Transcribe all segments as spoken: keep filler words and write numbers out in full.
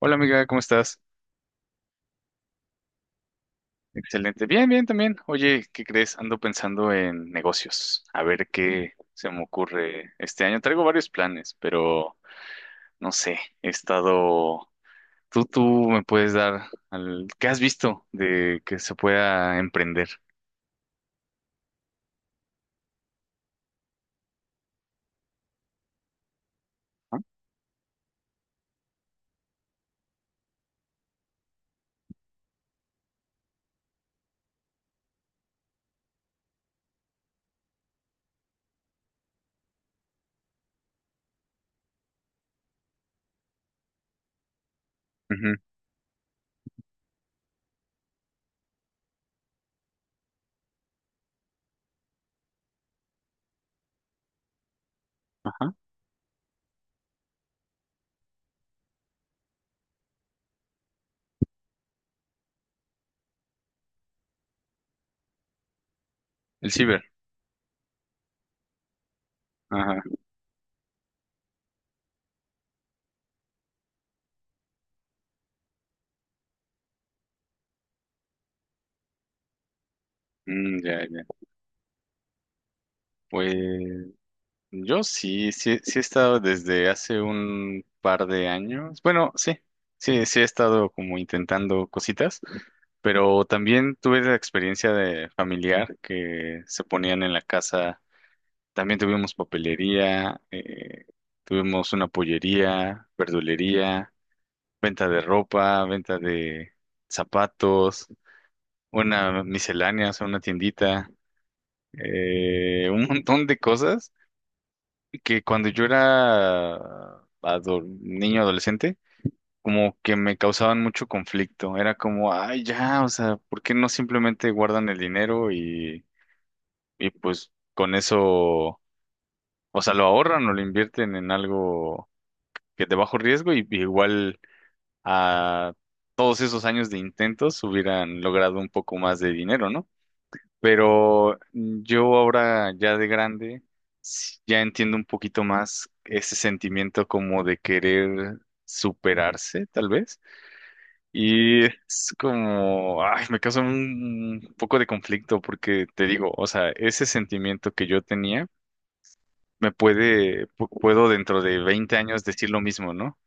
Hola, amiga, ¿cómo estás? Excelente. Bien, bien también. Oye, ¿qué crees? Ando pensando en negocios. A ver qué se me ocurre este año. Traigo varios planes, pero no sé. He estado... Tú, tú me puedes dar al... ¿Qué has visto de que se pueda emprender? Ah, ujú. Ajá. El ciber. Ajá. Mm, ya, ya. Pues yo sí, sí, sí he estado desde hace un par de años. Bueno, sí, sí, sí he estado como intentando cositas. Pero también tuve la experiencia de familiar que se ponían en la casa. También tuvimos papelería, eh, tuvimos una pollería, verdulería, venta de ropa, venta de zapatos, una miscelánea, o sea, una tiendita, eh, un montón de cosas que cuando yo era ado- niño adolescente, como que me causaban mucho conflicto. Era como, ay, ya, o sea, ¿por qué no simplemente guardan el dinero y y pues con eso, o sea, lo ahorran o lo invierten en algo que de bajo riesgo y y igual a todos esos años de intentos hubieran logrado un poco más de dinero, ¿no? Pero yo ahora ya de grande sí, ya entiendo un poquito más ese sentimiento como de querer superarse, tal vez. Y es como, ay, me causa un un poco de conflicto porque te digo, o sea, ese sentimiento que yo tenía me puede, pu- puedo dentro de veinte años decir lo mismo, ¿no?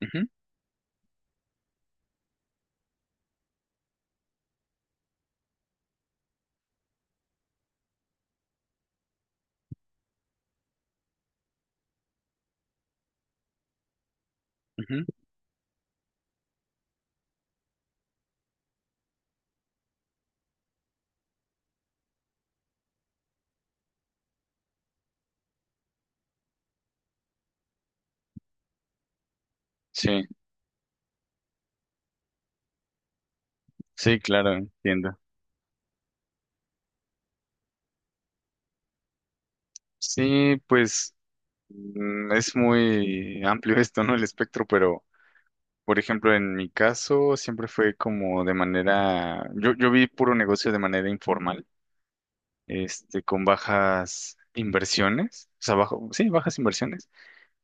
Ujú, ujú. Sí, sí, claro, entiendo. Sí, pues mm, es muy amplio esto, ¿no? El espectro, pero, por ejemplo, en mi caso siempre fue como de manera, yo, yo vi puro negocio de manera informal, este, con bajas inversiones, o sea, bajo, sí, bajas inversiones.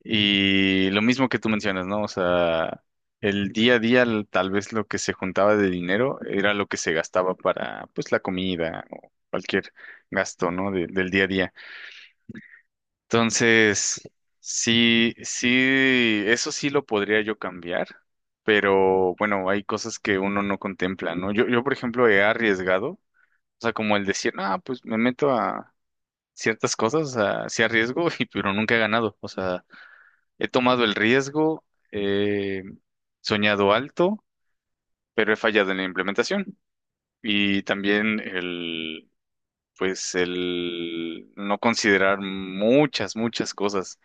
Y lo mismo que tú mencionas, ¿no? O sea, el día a día l- tal vez lo que se juntaba de dinero era lo que se gastaba para, pues, la comida o cualquier gasto, ¿no?, de- del día a día. Entonces, sí, sí, eso sí lo podría yo cambiar, pero bueno, hay cosas que uno no contempla, ¿no? Yo, yo, por ejemplo, he arriesgado, o sea, como el decir, ah, pues me meto a ciertas cosas, o sea, sí arriesgo, y, pero nunca he ganado, o sea. He tomado el riesgo, he soñado alto, pero he fallado en la implementación. Y también el, pues el no considerar muchas, muchas cosas.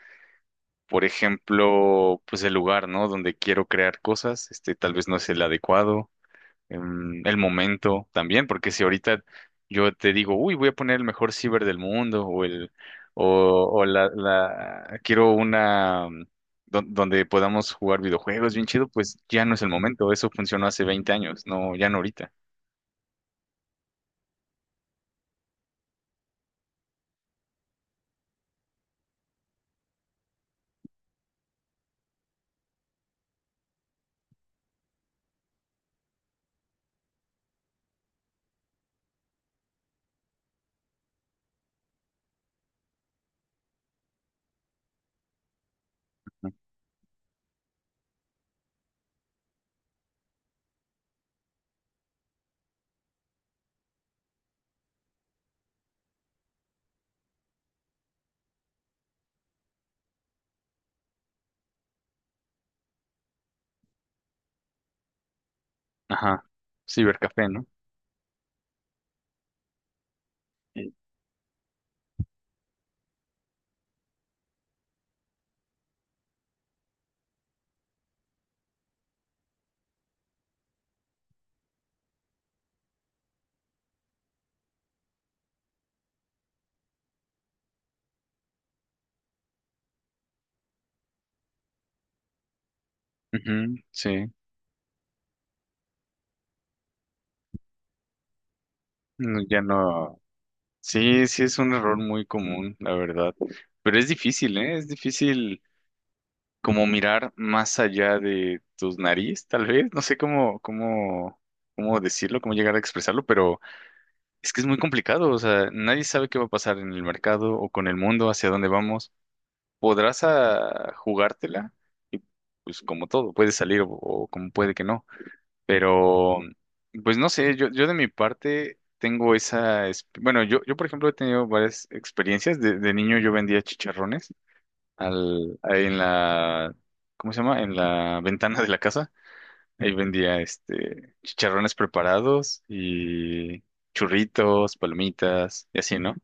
Por ejemplo, pues el lugar, ¿no? Donde quiero crear cosas, este tal vez no es el adecuado em, el momento también, porque si ahorita yo te digo, uy, voy a poner el mejor ciber del mundo o el o, o la, la quiero una mm, don- donde podamos jugar videojuegos bien chido, pues ya no es el momento, eso funcionó hace veinte años, no, ya no ahorita. ¿No? Ajá, cibercafé, ¿no? Sí. Ujú, sí. No, ya no. Sí, sí es un error muy común, la verdad. Pero es difícil, ¿eh? Es difícil como mirar más allá de tus nariz, tal vez. No sé cómo, cómo, cómo decirlo, cómo llegar a expresarlo, pero es que es muy complicado. O sea, nadie sabe qué va a pasar en el mercado o con el mundo, hacia dónde vamos. Podrás ah, jugártela y pues como todo, puede salir o, o como puede que no. Pero, pues no sé, yo, yo de mi parte tengo esa... esp- Bueno, yo, yo por ejemplo he tenido varias experiencias. De, de niño yo vendía chicharrones al, ahí en la, ¿cómo se llama? En la ventana de la casa. Ahí vendía este chicharrones preparados y churritos, palomitas y así, ¿no?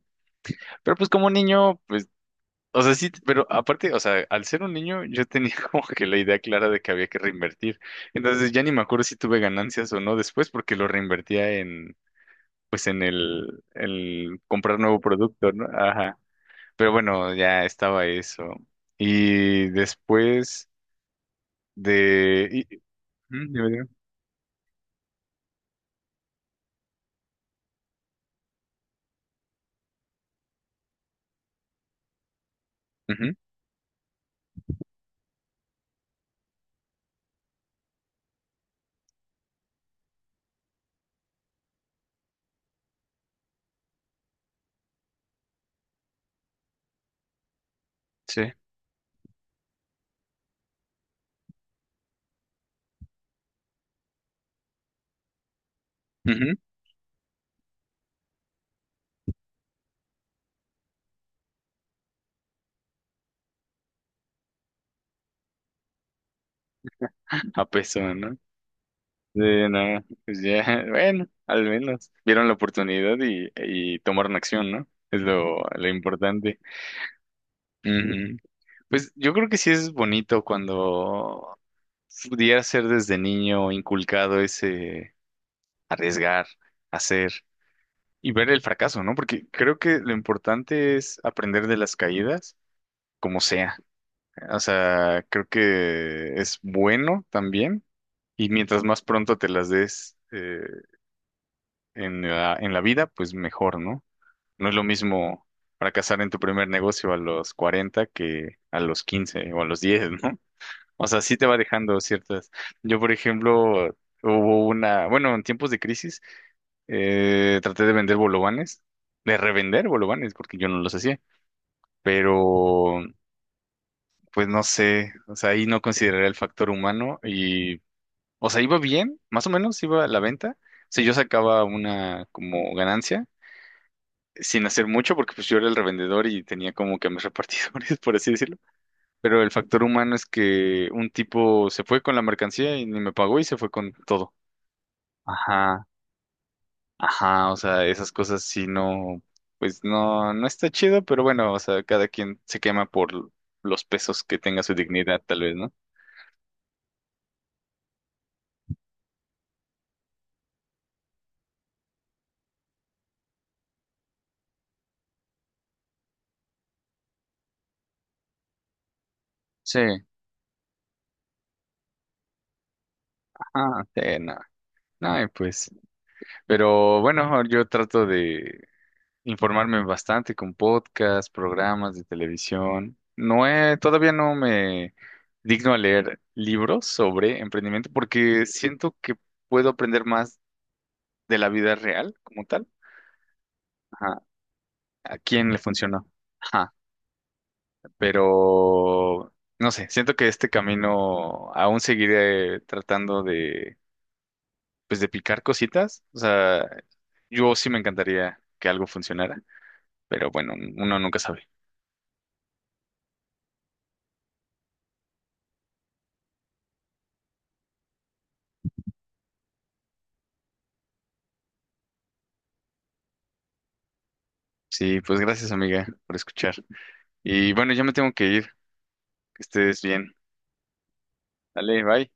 Pero pues como niño, pues, o sea, sí, pero aparte, o sea, al ser un niño yo tenía como que la idea clara de que había que reinvertir. Entonces ya ni me acuerdo si tuve ganancias o no después porque lo reinvertía en, pues en el, el comprar nuevo producto, ¿no? Ajá. Pero bueno, ya estaba eso. Y después De... y- ujú, dime, dime. Ujú, sí. Ujú. A peso, ¿no? De nada. Pues ya, bueno, al menos vieron la oportunidad y, y tomaron acción, ¿no? Es lo, lo importante. Ujú. Pues yo creo que sí es bonito cuando pudiera ser desde niño inculcado ese arriesgar, hacer y ver el fracaso, ¿no? Porque creo que lo importante es aprender de las caídas, como sea. O sea, creo que es bueno también. Y mientras más pronto te las des eh, en la, en la vida, pues mejor, ¿no? No es lo mismo fracasar en tu primer negocio a los cuarenta que a los quince o a los diez, ¿no? O sea, sí te va dejando ciertas. Yo, por ejemplo, hubo una, bueno, en tiempos de crisis, eh, traté de vender bolovanes, de revender bolovanes, porque yo no los hacía, pero pues no sé, o sea, ahí no consideré el factor humano y... O sea, iba bien, más o menos iba a la venta. O sea, yo sacaba una como ganancia sin hacer mucho porque pues yo era el revendedor y tenía como que a mis repartidores, por así decirlo. Pero el factor humano es que un tipo se fue con la mercancía y ni me pagó y se fue con todo. Ajá, ajá, o sea, esas cosas sí no, pues no, no está chido, pero bueno, o sea, cada quien se quema por los pesos que tenga su dignidad, tal vez, ¿no? Sí, ajá, sí, no. No, y pues, pero bueno, yo trato de informarme bastante con podcasts, programas de televisión. No he, todavía no me digno a leer libros sobre emprendimiento porque siento que puedo aprender más de la vida real como tal. Ajá. ¿A quién le funcionó? Ajá. Pero no sé, siento que este camino aún seguiré tratando de, pues, de picar cositas. O sea, yo sí me encantaría que algo funcionara, pero bueno, uno nunca sabe. Sí, pues gracias, amiga, por escuchar. Y bueno, ya me tengo que ir. Que estés bien. Dale, bye.